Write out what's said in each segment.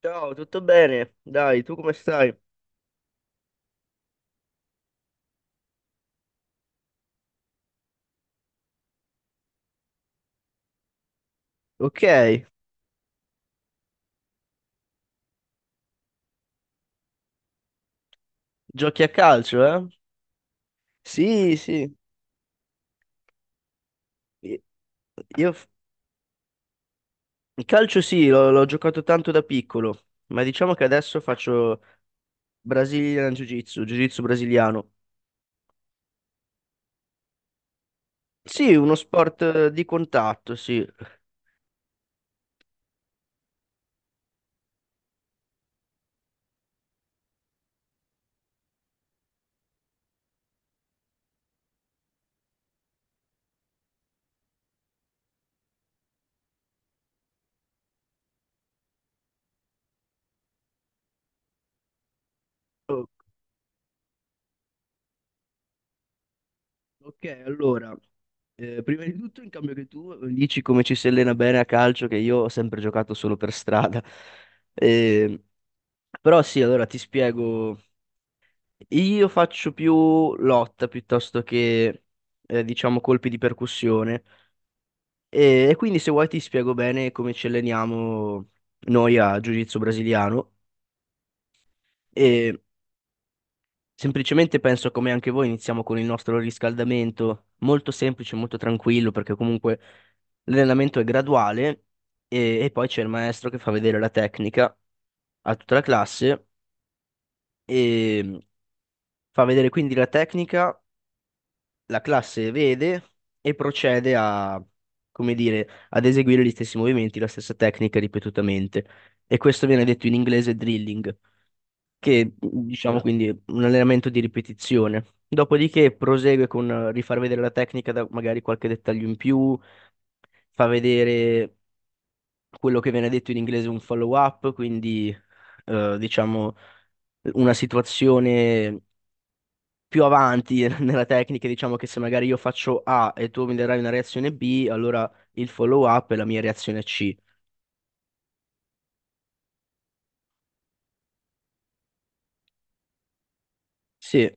Ciao, tutto bene? Dai, tu come stai? Ok, giochi a calcio, eh? Sì, sì. Io io il calcio sì, l'ho giocato tanto da piccolo, ma diciamo che adesso faccio Brazilian Jiu-Jitsu, Jiu-Jitsu brasiliano. Sì, uno sport di contatto, sì. Oh, ok, allora, prima di tutto, in cambio che tu dici come ci si allena bene a calcio, che io ho sempre giocato solo per strada. Eh, Però sì, allora ti spiego. Io faccio più lotta piuttosto che, diciamo, colpi di percussione. E quindi se vuoi ti spiego bene come ci alleniamo noi a Jiu-Jitsu brasiliano. E semplicemente penso come anche voi iniziamo con il nostro riscaldamento, molto semplice, molto tranquillo, perché comunque l'allenamento è graduale e poi c'è il maestro che fa vedere la tecnica a tutta la classe e fa vedere quindi la tecnica, la classe vede e procede a, come dire, ad eseguire gli stessi movimenti, la stessa tecnica ripetutamente. E questo viene detto in inglese drilling, che diciamo, ah, quindi è un allenamento di ripetizione. Dopodiché prosegue con rifar vedere la tecnica da magari qualche dettaglio in più, fa vedere quello che viene detto in inglese un follow-up, quindi diciamo una situazione più avanti nella tecnica, diciamo che se magari io faccio A e tu mi darai una reazione B, allora il follow up è la mia reazione C. Sì,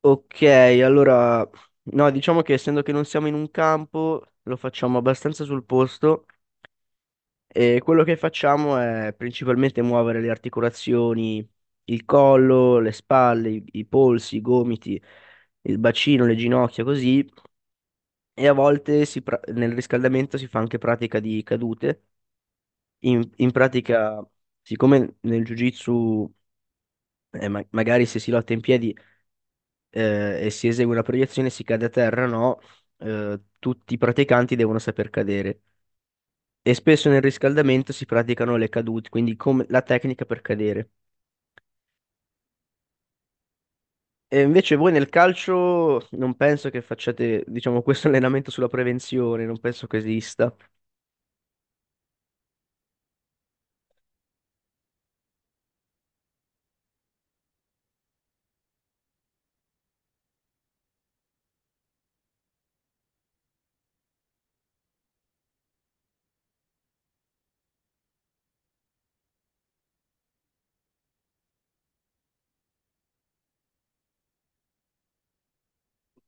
ok, allora no, diciamo che essendo che non siamo in un campo, lo facciamo abbastanza sul posto e quello che facciamo è principalmente muovere le articolazioni, il collo, le spalle, i polsi, i gomiti, il bacino, le ginocchia, così, e a volte nel riscaldamento si fa anche pratica di cadute. In pratica, siccome nel Jiu-Jitsu, magari se si lotta in piedi e si esegue una proiezione, si cade a terra, no, tutti i praticanti devono saper cadere. E spesso nel riscaldamento si praticano le cadute, quindi come la tecnica per cadere. E invece voi nel calcio non penso che facciate, diciamo, questo allenamento sulla prevenzione, non penso che esista.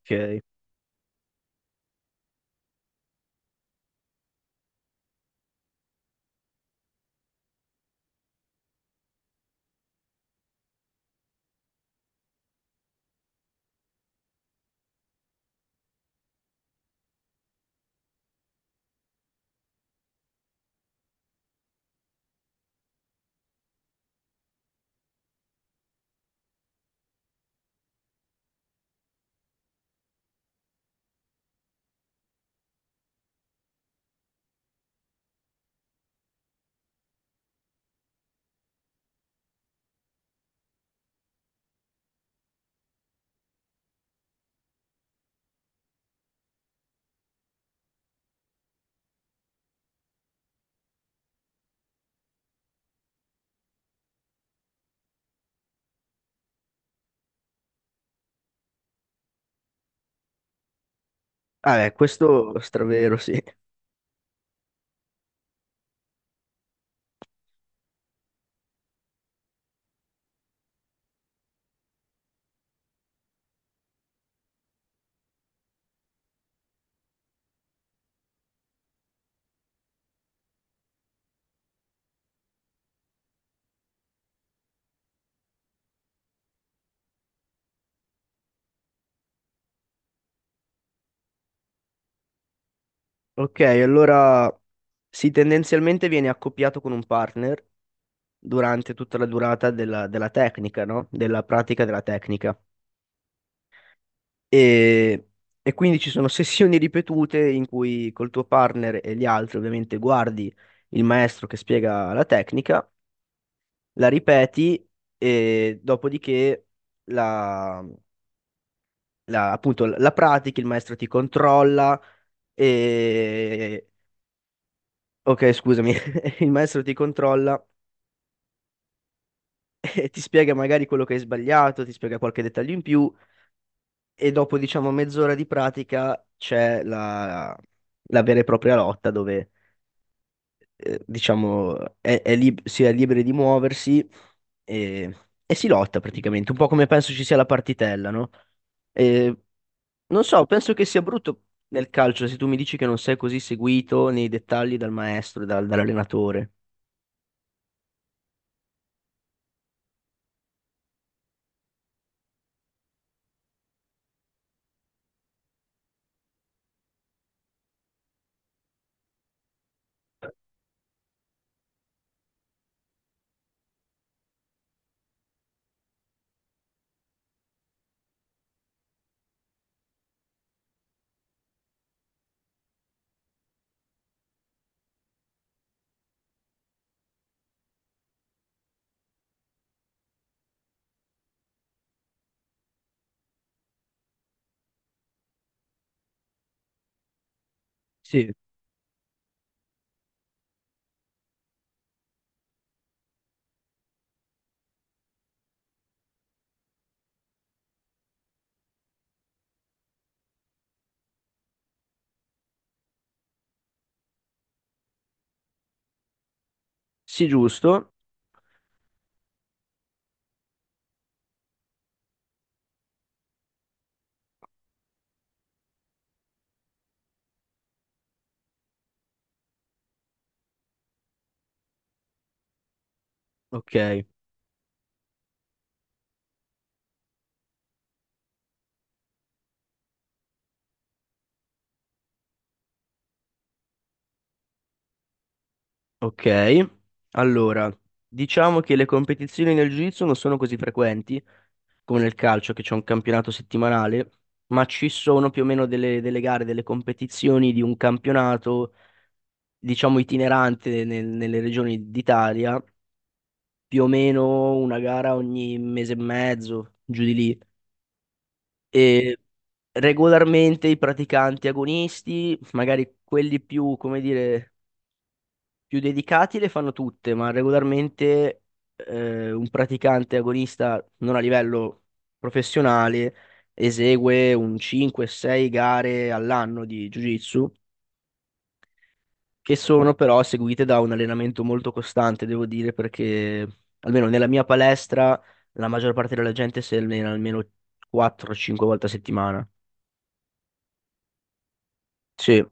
Ok. Ah, questo è stravero, sì. Ok, allora sì, tendenzialmente viene accoppiato con un partner durante tutta la durata della tecnica, no? Della pratica della tecnica. E, e quindi ci sono sessioni ripetute in cui col tuo partner e gli altri ovviamente guardi il maestro che spiega la tecnica, la ripeti e dopodiché la, appunto la pratichi, il maestro ti controlla e... Ok, scusami, il maestro ti controlla e ti spiega magari quello che hai sbagliato, ti spiega qualche dettaglio in più e dopo diciamo mezz'ora di pratica c'è la vera e propria lotta dove diciamo si è liberi di muoversi e, e si lotta praticamente, un po' come penso ci sia la partitella, no? E non so, penso che sia brutto nel calcio se tu mi dici che non sei così seguito nei dettagli dal maestro, dall'allenatore. Sì, sì, giusto. Ok, ok. Allora, diciamo che le competizioni nel jiu-jitsu non sono così frequenti come nel calcio, che c'è un campionato settimanale, ma ci sono più o meno delle gare, delle competizioni di un campionato, diciamo, itinerante nelle regioni d'Italia, più o meno una gara ogni mese e mezzo, giù di lì. E regolarmente i praticanti agonisti, magari quelli più, come dire, più dedicati le fanno tutte, ma regolarmente un praticante agonista non a livello professionale esegue un 5-6 gare all'anno di Jiu-Jitsu, che sono però seguite da un allenamento molto costante, devo dire, perché almeno nella mia palestra la maggior parte della gente si allena almeno 4-5 volte a settimana. Sì,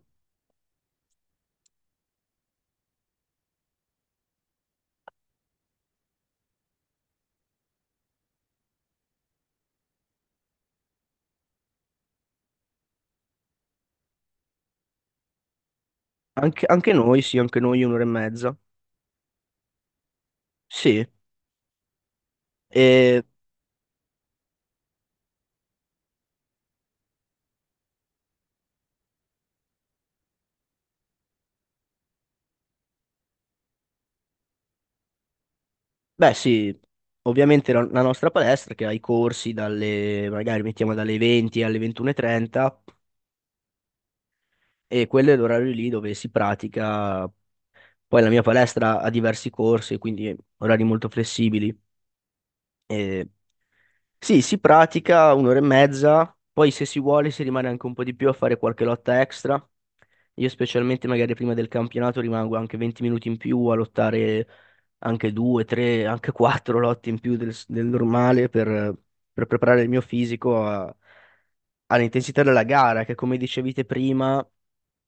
anche noi, sì, anche noi un'ora e mezza. Sì. E beh, sì, ovviamente la nostra palestra che ha i corsi magari mettiamo dalle 20 alle 21:30 e trenta e quello è l'orario lì dove si pratica. Poi la mia palestra ha diversi corsi, quindi orari molto flessibili. E sì, si pratica un'ora e mezza, poi se si vuole si rimane anche un po' di più a fare qualche lotta extra. Io specialmente magari prima del campionato rimango anche 20 minuti in più a lottare anche due, tre, anche quattro lotte in più del normale per preparare il mio fisico all'intensità della gara, che come dicevi te prima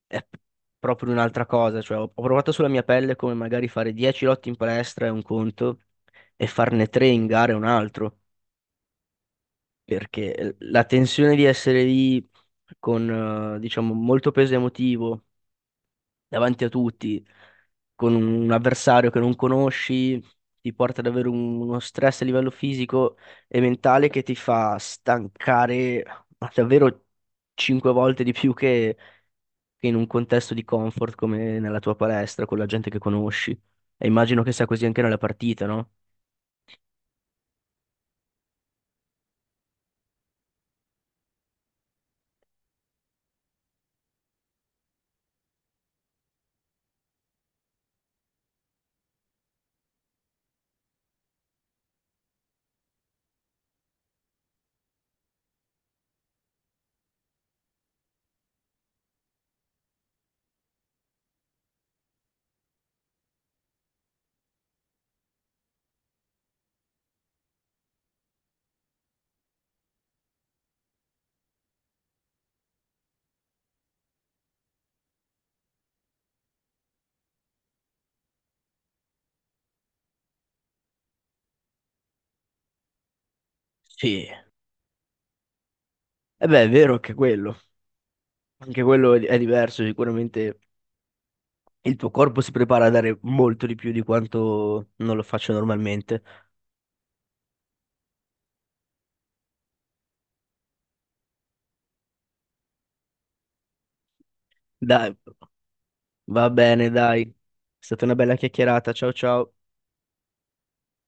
è proprio un'altra cosa. Cioè, ho provato sulla mia pelle come magari fare 10 lotte in palestra è un conto e farne tre in gara è un altro perché la tensione di essere lì con, diciamo, molto peso emotivo davanti a tutti, con un avversario che non conosci, ti porta ad avere uno stress a livello fisico e mentale che ti fa stancare ma davvero cinque volte di più che in un contesto di comfort come nella tua palestra, con la gente che conosci. E immagino che sia così anche nella partita, no? Sì. E beh, è vero anche quello. Anche quello è diverso, sicuramente il tuo corpo si prepara a dare molto di più di quanto non lo faccio normalmente. Dai, va bene, dai. È stata una bella chiacchierata. Ciao ciao.